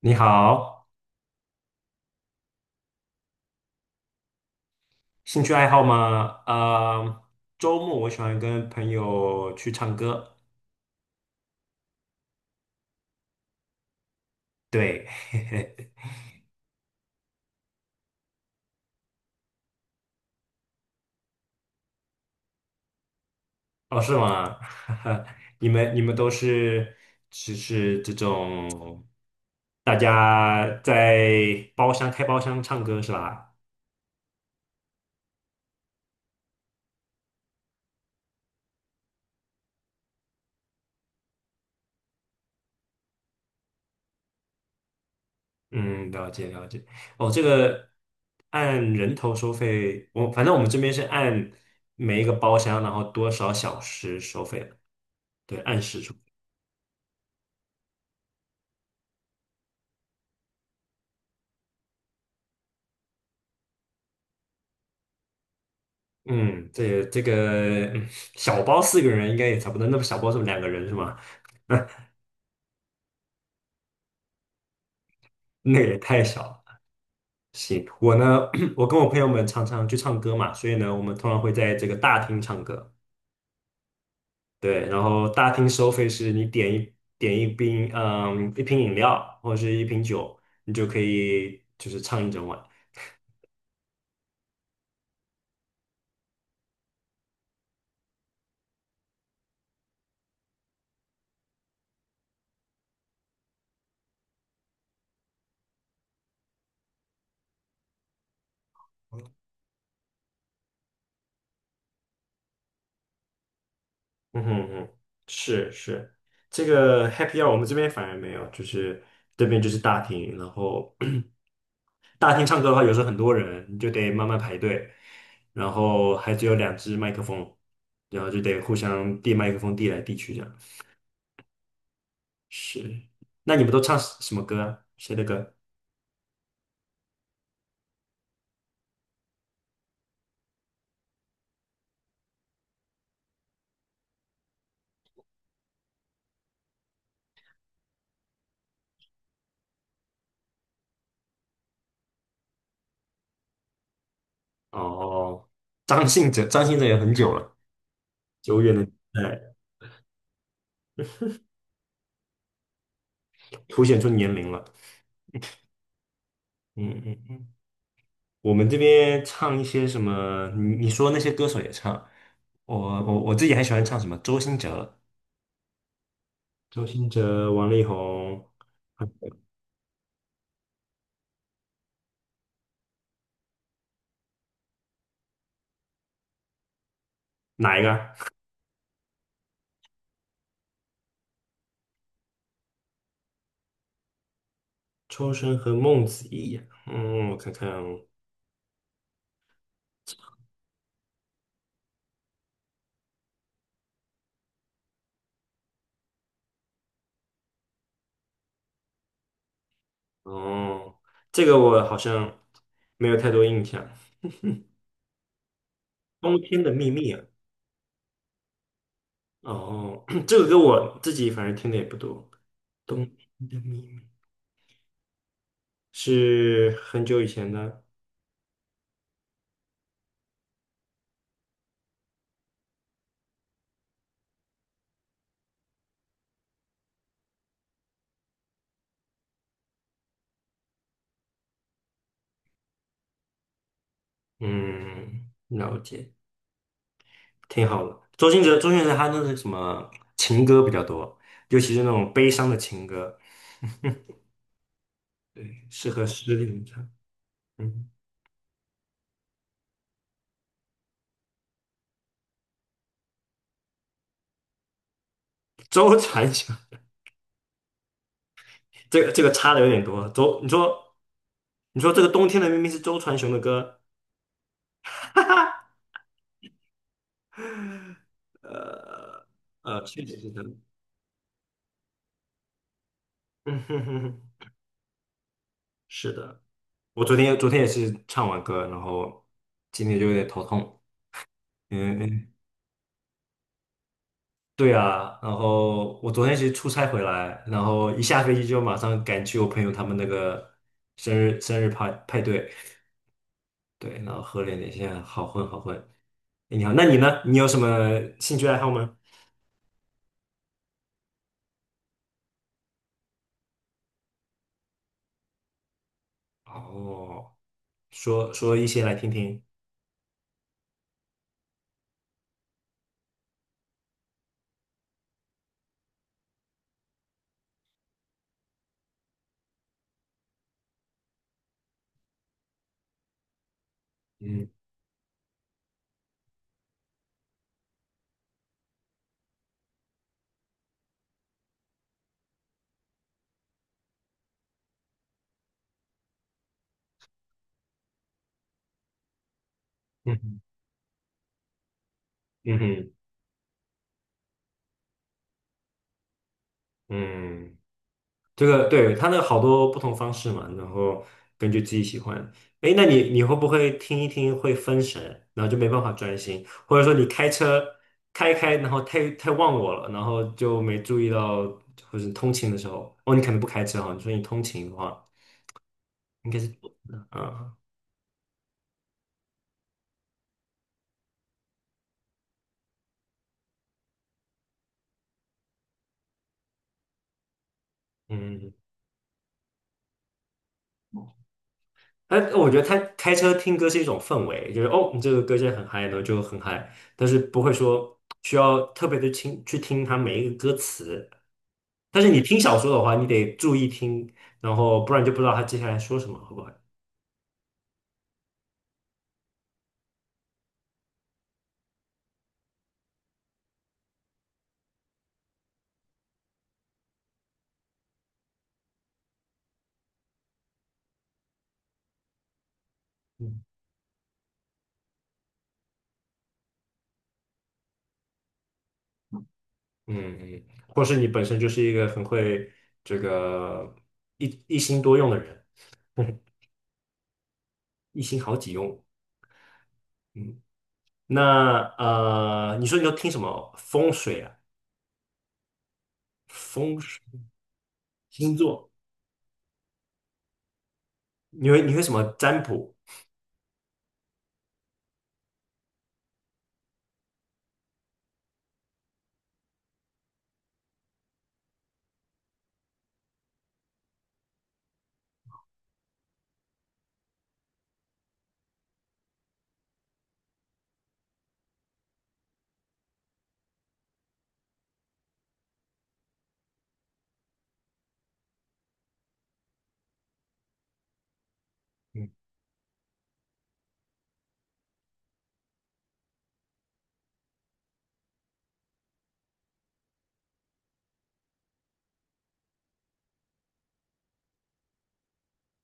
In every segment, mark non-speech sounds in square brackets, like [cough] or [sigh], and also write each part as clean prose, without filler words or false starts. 你好，兴趣爱好吗？周末我喜欢跟朋友去唱歌。对，[laughs] 哦，是吗？[laughs] 你们都是只是这种，大家在包厢开包厢唱歌是吧？嗯，了解了解。哦，这个按人头收费，我反正我们这边是按每一个包厢，然后多少小时收费的，对，按时。嗯，这也这个嗯小包四个人应该也差不多，那么小包是两个人是吗？那个也太小了。行，我呢，[clears throat] 我跟我朋友们常常去唱歌嘛，所以呢，我们通常会在这个大厅唱歌。对，然后大厅收费是你点一瓶，嗯，一瓶饮料或者是一瓶酒，你就可以就是唱一整晚。嗯哼哼，是是，这个 happy hour 我们这边反而没有，就是这边就是大厅，然后 [clears throat] 大厅唱歌的话，有时候很多人，你就得慢慢排队，然后还只有两只麦克风，然后就得互相递麦克风，递来递去这样。是，那你们都唱什么歌啊？谁的歌？哦，张信哲，张信哲也很久了，久远的年代凸显出年龄了。嗯嗯嗯，我们这边唱一些什么？你说那些歌手也唱，我我自己还喜欢唱什么？周兴哲、周兴哲、王力宏，哪一个啊？抽生和孟子义，嗯，我看看哦，哦，这个我好像没有太多印象。冬天的秘密啊，哦，[clears throat] 这个歌我自己反正听的也不多。冬天的秘密是很久以前的，嗯，了解，挺好的。周兴哲，周兴哲他那是什么情歌比较多，尤其是那种悲伤的情歌，对，适合失恋唱。嗯，周传雄，这个这个差的有点多。周，你说这个冬天的明明是周传雄的歌，哈哈，呃确实是的，嗯哼哼哼，是的。我昨天也是唱完歌，然后今天就有点头痛。嗯嗯，对啊。然后我昨天其实出差回来，然后一下飞机就马上赶去我朋友他们那个生日派对，对，然后喝了点现在好混。哎，你好，那你呢？你有什么兴趣爱好吗？哦。说说一些来听听。嗯嗯哼嗯哼嗯，这个对，它那好多不同方式嘛，然后根据自己喜欢。哎，那你你会不会听一听会分神，然后就没办法专心，或者说你开车开一开，然后太忘我了，然后就没注意到，或者通勤的时候，哦，你可能不开车哈，你说你通勤的话，应该是，嗯嗯但我觉得他开车听歌是一种氛围，就是哦，你这个歌现在很嗨呢，就很嗨，但是不会说需要特别的听去听它每一个歌词。但是你听小说的话，你得注意听，然后不然就不知道他接下来说什么，好不好？嗯嗯嗯，或是你本身就是一个很会这个一心多用的人，[laughs] 一心好几用。嗯，那你说你都听什么风水啊？风水星座，你会什么占卜？嗯，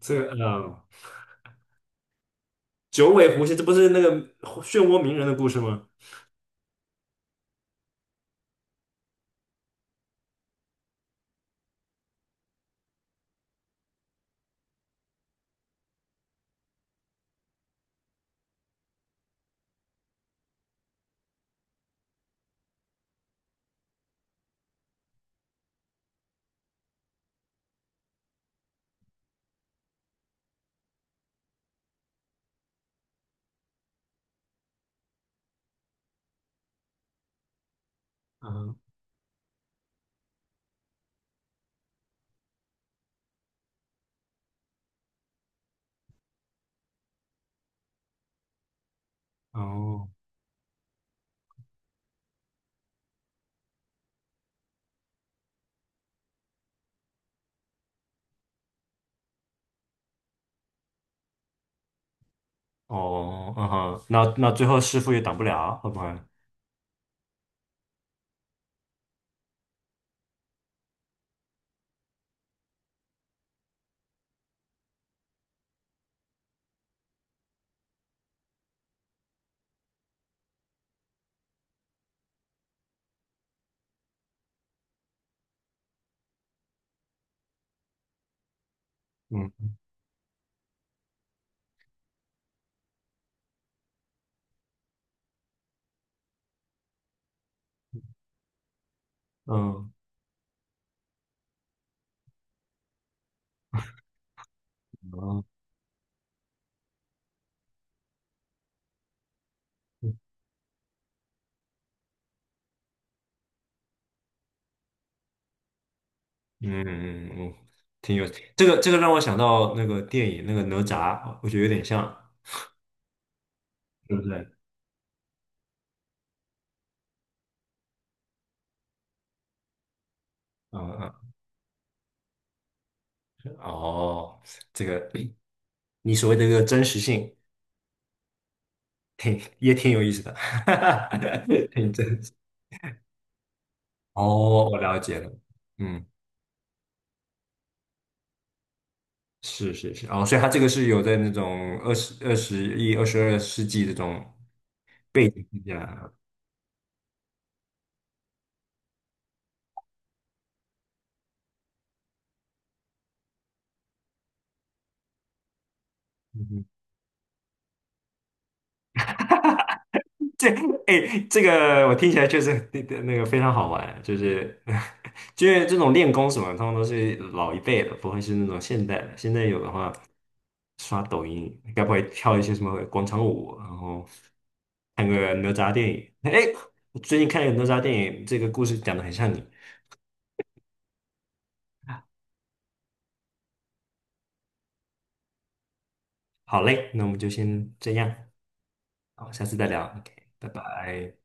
这个呃，九尾狐仙，这不是那个漩涡鸣人的故事吗？嗯，哦，哦，嗯哼，那最后师傅也挡不了，会不会？嗯嗯嗯嗯嗯，嗯，挺有这个让我想到那个电影那个哪吒，我觉得有点像，是不是？嗯嗯，哦，这个你所谓的这个真实性，挺也挺有意思的，[laughs] 哈哈哈挺真实。哦，我了解了，嗯。是是是，哦，所以他这个是有在那种二十、21、22世纪这种背景之下啊，嗯哼这哎，这个我听起来确实那个非常好玩，就是 [laughs] 就是这种练功什么，他们都是老一辈的，不会是那种现代的。现在有的话，刷抖音，该不会跳一些什么广场舞，然后看个哪吒电影？哎，我最近看了个哪吒电影，这个故事讲的很像你。好嘞，那我们就先这样。好，下次再聊，OK，拜拜。